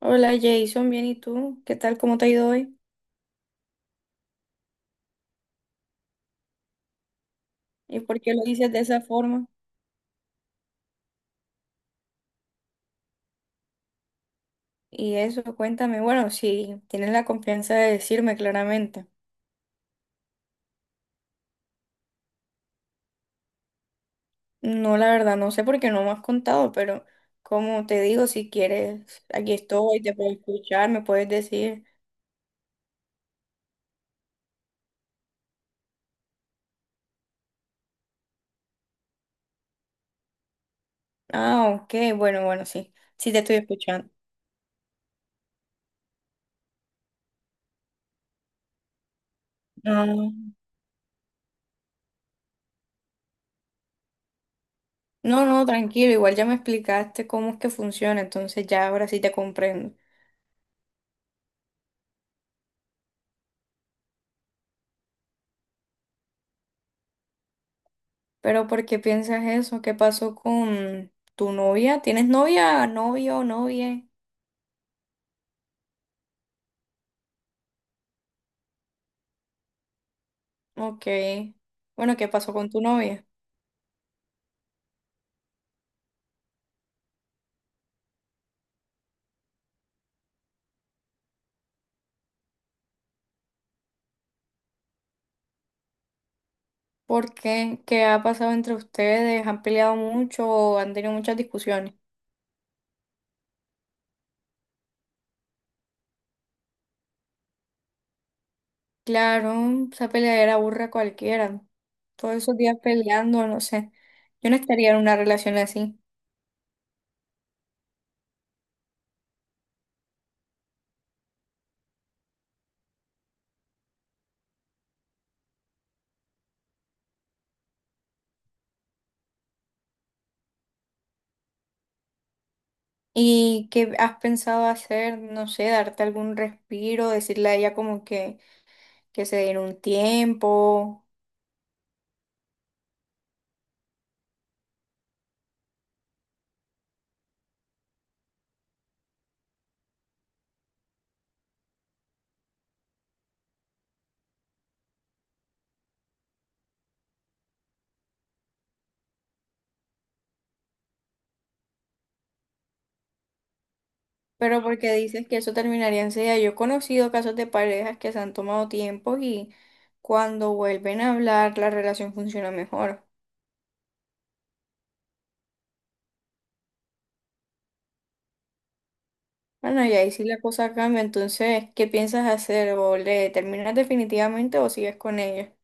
Hola Jason, bien, ¿y tú? ¿Qué tal? ¿Cómo te ha ido hoy? ¿Y por qué lo dices de esa forma? Y eso, cuéntame. Bueno, si tienes la confianza de decirme claramente. No, la verdad, no sé por qué no me has contado, pero como te digo, si quieres, aquí estoy, te puedo escuchar, me puedes decir. Ah, ok, bueno, bueno, sí, sí te estoy escuchando. Ah, no, no, tranquilo, igual ya me explicaste cómo es que funciona, entonces ya ahora sí te comprendo. Pero ¿por qué piensas eso? ¿Qué pasó con tu novia? ¿Tienes novia, novio, novia? Ok. Bueno, ¿qué pasó con tu novia? ¿Por qué? ¿Qué ha pasado entre ustedes? ¿Han peleado mucho o han tenido muchas discusiones? Claro, esa peleadera aburre a cualquiera. Todos esos días peleando, no sé. Yo no estaría en una relación así. ¿Y qué has pensado hacer? No sé, darte algún respiro, decirle a ella como que se diera un tiempo. Pero porque dices que eso terminaría enseguida. Yo he conocido casos de parejas que se han tomado tiempo y cuando vuelven a hablar la relación funciona mejor. Bueno, y ahí sí la cosa cambia. Entonces, ¿qué piensas hacer? ¿O le terminas definitivamente o sigues con ella?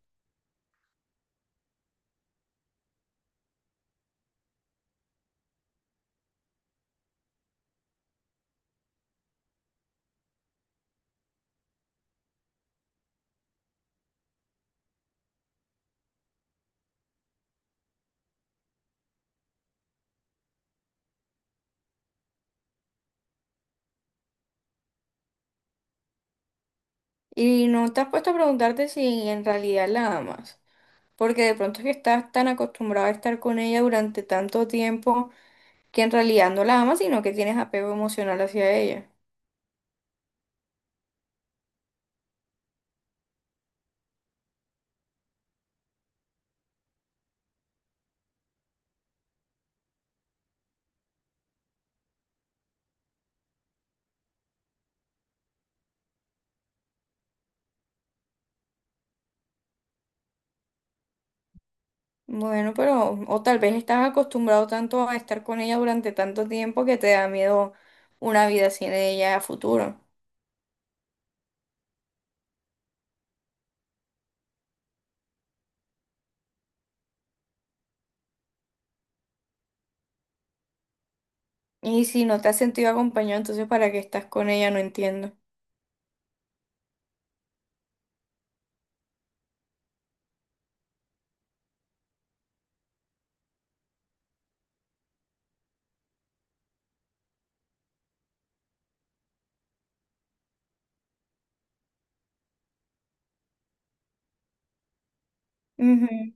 Y no te has puesto a preguntarte si en realidad la amas. Porque de pronto es que estás tan acostumbrado a estar con ella durante tanto tiempo que en realidad no la amas, sino que tienes apego emocional hacia ella. Bueno, pero o tal vez estás acostumbrado tanto a estar con ella durante tanto tiempo que te da miedo una vida sin ella a futuro. Y si no te has sentido acompañado, entonces ¿para qué estás con ella? No entiendo. Ujú.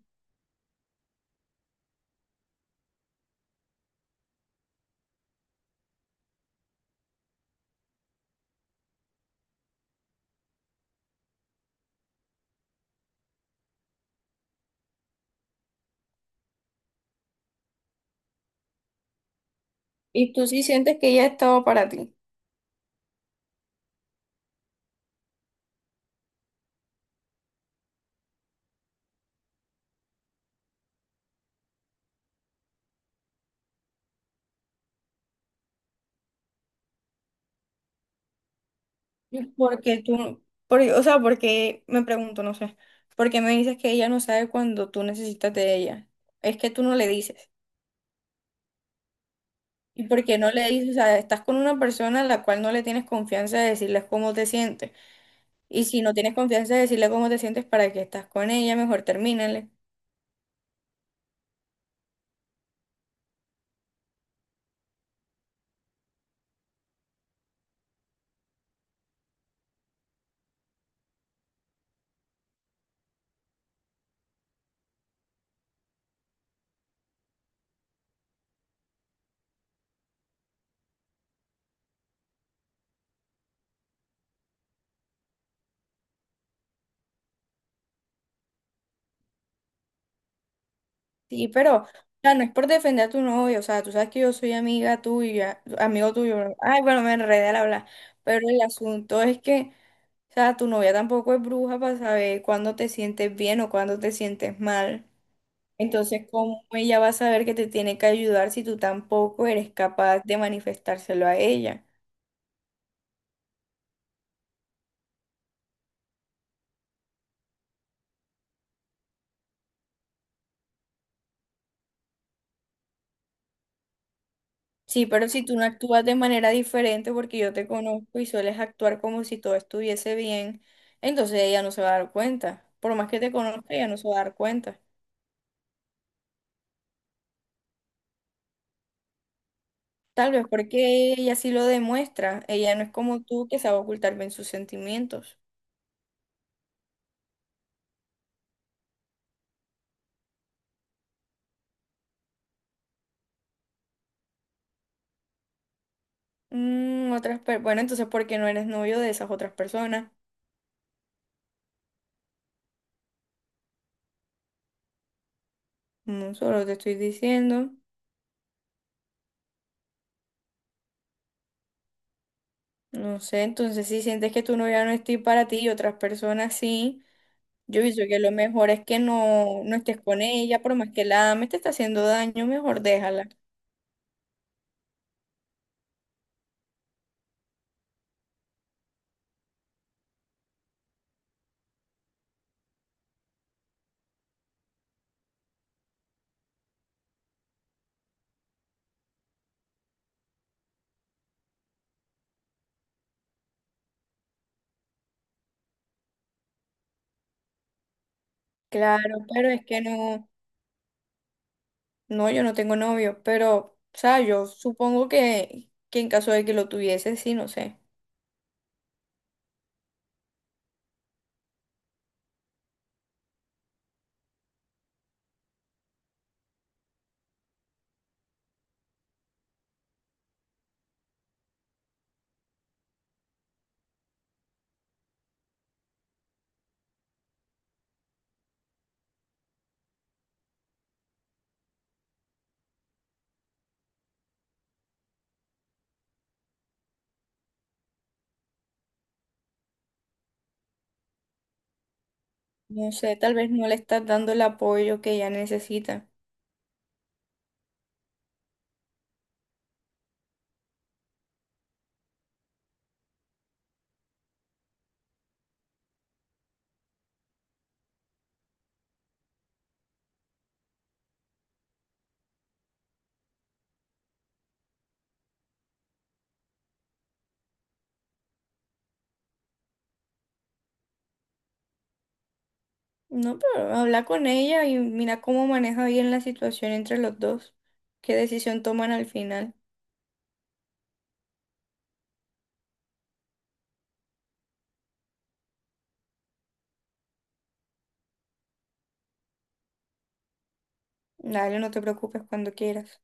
Y tú sí sientes que ella ha estado para ti. O sea, porque me pregunto, no sé, porque me dices que ella no sabe cuando tú necesitas de ella. Es que tú no le dices. ¿Y por qué no le dices? O sea, estás con una persona a la cual no le tienes confianza de decirles cómo te sientes. Y si no tienes confianza de decirle cómo te sientes para que estás con ella, mejor termínale. Sí, pero, o sea, no es por defender a tu novio, o sea, tú sabes que yo soy amiga tuya, amigo tuyo, bro. Ay, bueno, me enredé al hablar. Pero el asunto es que, o sea, tu novia tampoco es bruja para saber cuándo te sientes bien o cuándo te sientes mal. Entonces, ¿cómo ella va a saber que te tiene que ayudar si tú tampoco eres capaz de manifestárselo a ella? Sí, pero si tú no actúas de manera diferente porque yo te conozco y sueles actuar como si todo estuviese bien, entonces ella no se va a dar cuenta. Por más que te conozca, ella no se va a dar cuenta. Tal vez porque ella sí lo demuestra. Ella no es como tú que sabe ocultar bien sus sentimientos. Bueno, entonces ¿por qué no eres novio de esas otras personas? No, solo te estoy diciendo. No sé, entonces si sientes que tu novia no es ti- para ti y otras personas sí. Yo pienso que lo mejor es que no, no estés con ella, por más que la ames, te está haciendo daño, mejor déjala. Claro, pero es que no, no, yo no tengo novio, pero, o sea, yo supongo que en caso de que lo tuviese, sí, no sé. No sé, tal vez no le estás dando el apoyo que ella necesita. No, pero habla con ella y mira cómo maneja bien la situación entre los dos. ¿Qué decisión toman al final? Dale, no te preocupes cuando quieras.